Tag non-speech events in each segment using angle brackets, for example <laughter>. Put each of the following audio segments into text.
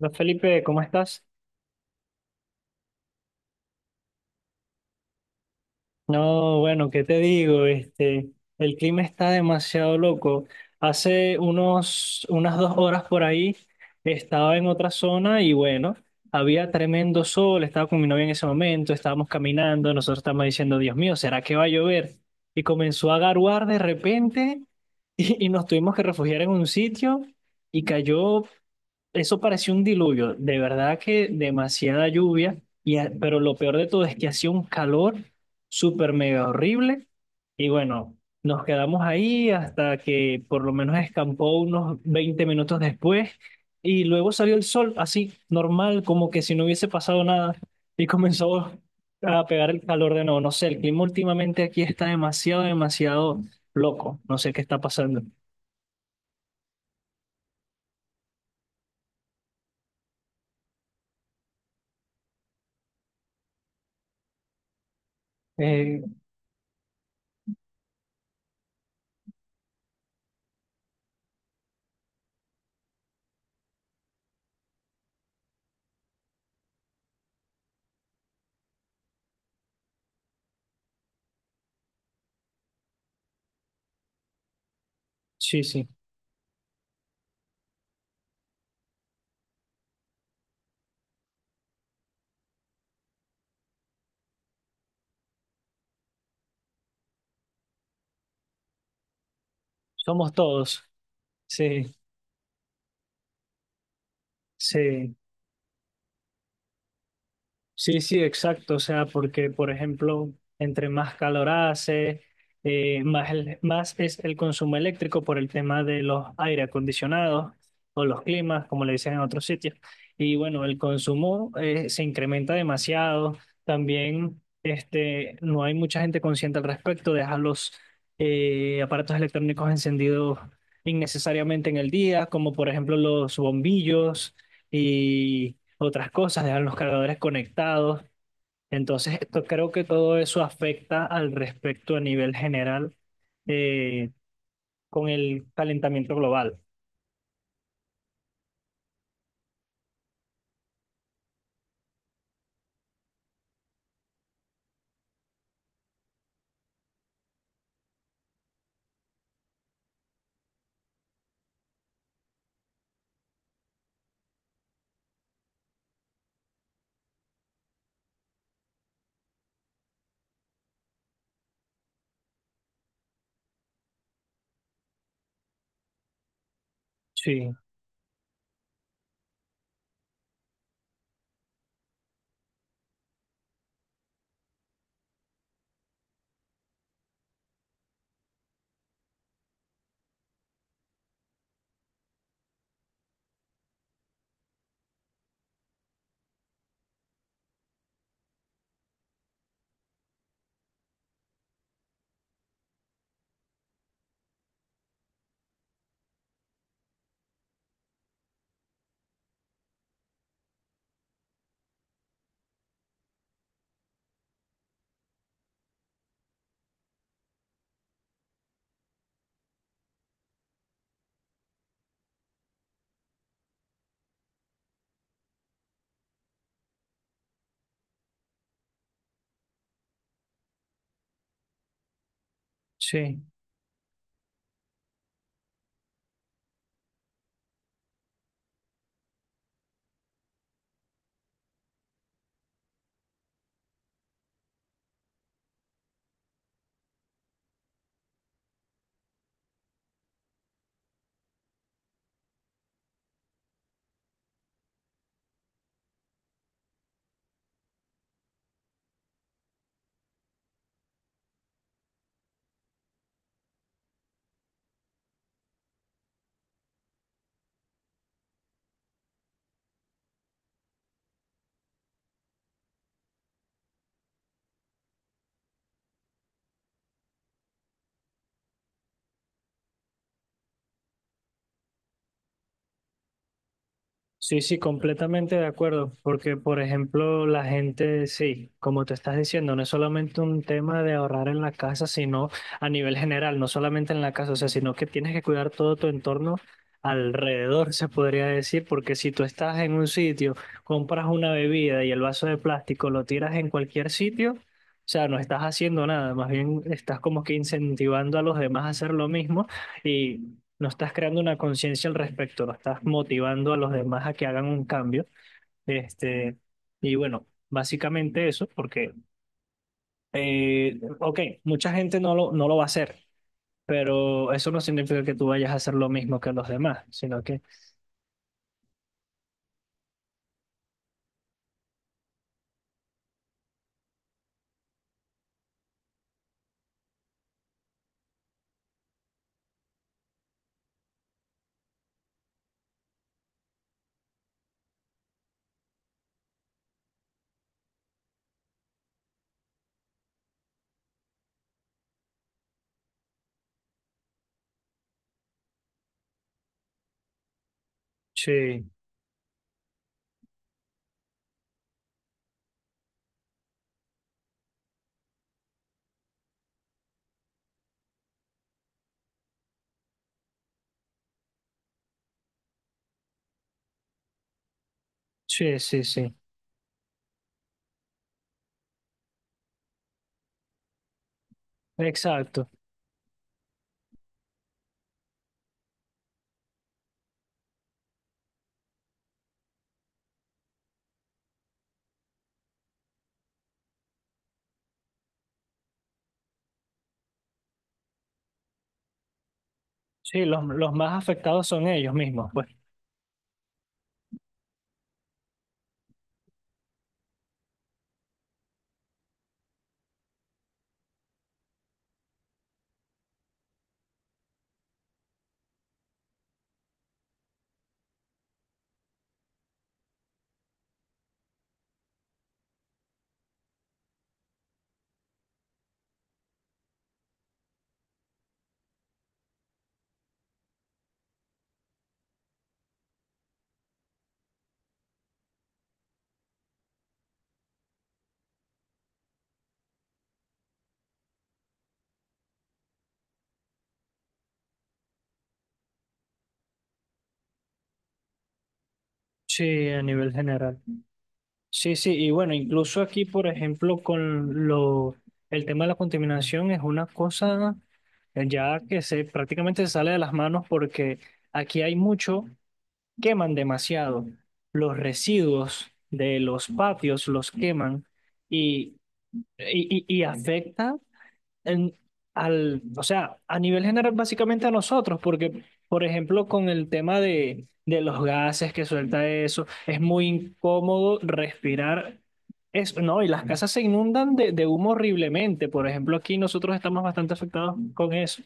Hola Felipe, ¿cómo estás? No, bueno, ¿qué te digo? El clima está demasiado loco. Hace unas 2 horas por ahí estaba en otra zona y bueno, había tremendo sol, estaba con mi novia en ese momento, estábamos caminando, nosotros estábamos diciendo, Dios mío, ¿será que va a llover? Y comenzó a garuar de repente <laughs> y nos tuvimos que refugiar en un sitio y cayó, eso pareció un diluvio, de verdad que demasiada lluvia, pero lo peor de todo es que hacía un calor súper mega horrible. Y bueno, nos quedamos ahí hasta que por lo menos escampó unos 20 minutos después y luego salió el sol así, normal, como que si no hubiese pasado nada y comenzó a pegar el calor de nuevo. No sé, el clima últimamente aquí está demasiado, demasiado loco. No sé qué está pasando. Eh, sí, sí, somos todos. Sí, sí. Sí, sí, exacto. O sea, porque, por ejemplo, entre más calor hace, más es el consumo eléctrico por el tema de los aire acondicionados o los climas, como le dicen en otros sitios. Y bueno, el consumo se incrementa demasiado. También no hay mucha gente consciente al respecto. Deja los aparatos electrónicos encendidos innecesariamente en el día, como por ejemplo los bombillos, otras cosas, dejan los cargadores conectados. Entonces, creo que todo eso afecta al respecto a nivel general eh, con el calentamiento global. Sí, sí. Sí, sí, completamente de acuerdo, porque por ejemplo la gente, sí, como te estás diciendo, no es solamente un tema de ahorrar en la casa, sino a nivel general, no solamente en la casa, o sea, sino que tienes que cuidar todo tu entorno alrededor, se podría decir, porque si tú estás en un sitio, compras una bebida y el vaso de plástico lo tiras en cualquier sitio, o sea, no estás haciendo nada, más bien estás como que incentivando a los demás a hacer lo mismo. Y no estás creando una conciencia al respecto, no estás motivando a los demás a que hagan un cambio. Este, y bueno, básicamente eso, porque, ok, mucha gente no lo va a hacer, pero eso no significa que tú vayas a hacer lo mismo que los demás, sino que, sí, sí, sí, sí, exacto. Sí, los más afectados son ellos mismos, pues, sí, a nivel general. Sí, sí, y bueno, incluso aquí, por ejemplo, el tema de la contaminación es una cosa ya que se prácticamente se sale de las manos porque aquí hay mucho, queman demasiado. Los residuos de los patios los queman y, y y afecta en- al, o sea, a nivel general, básicamente a nosotros, porque, por ejemplo, con el tema de los gases que suelta eso, es muy incómodo respirar. Es, no, y las casas se inundan de humo horriblemente. Por ejemplo, aquí nosotros estamos bastante afectados con eso.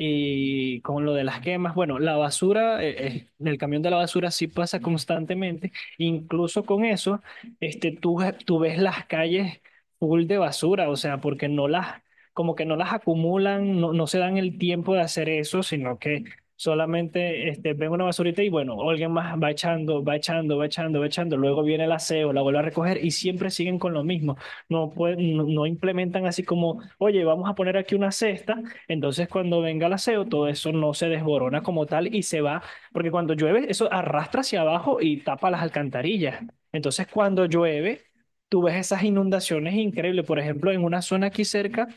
Y con lo de las quemas, bueno, la basura, el camión de la basura sí pasa constantemente. Incluso con eso, este, tú, tú ves las calles full de basura, o sea, porque como que no las acumulan, no, no se dan el tiempo de hacer eso, sino que solamente ven una basurita y bueno, alguien más va echando, va echando, va echando, va echando. Luego viene el aseo, la vuelve a recoger y siempre siguen con lo mismo. No, pueden, no implementan así como, oye, vamos a poner aquí una cesta, entonces, cuando venga el aseo, todo eso no se desborona como tal y se va, porque cuando llueve, eso arrastra hacia abajo y tapa las alcantarillas. Entonces, cuando llueve, tú ves esas inundaciones increíbles. Por ejemplo, en una zona aquí cerca,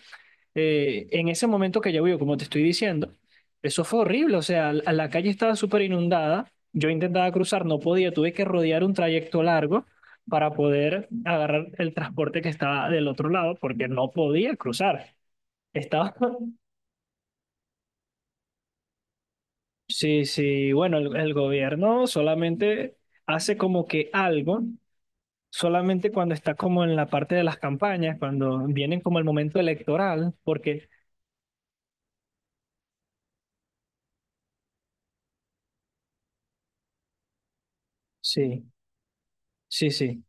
en ese momento que llovió, como te estoy diciendo, eso fue horrible. O sea, la calle estaba súper inundada. Yo intentaba cruzar, no podía, tuve que rodear un trayecto largo para poder agarrar el transporte que estaba del otro lado, porque no podía cruzar. Estaba <laughs> Sí, sí, bueno, el gobierno solamente hace como que algo, solamente cuando está como en la parte de las campañas, cuando vienen como el momento electoral, porque sí, sí, sí,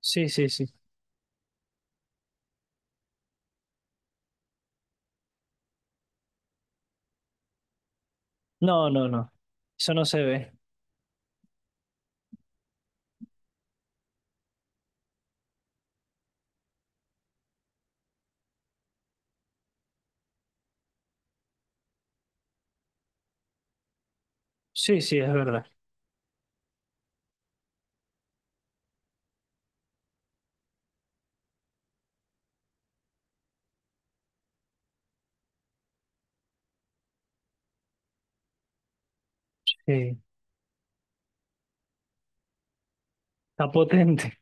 sí, sí, sí. No, no, no, eso no se ve. Sí, sí, es verdad. Sí, está potente.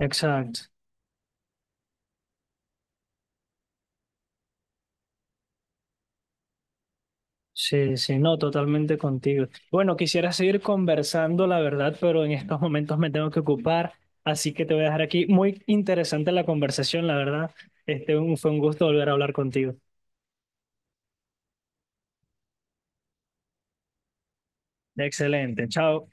Exacto. Sí, sí, no, totalmente contigo. Bueno, quisiera seguir conversando, la verdad, pero en estos momentos me tengo que ocupar, así que te voy a dejar aquí. Muy interesante la conversación, la verdad. Fue un gusto volver a hablar contigo. Excelente, chao.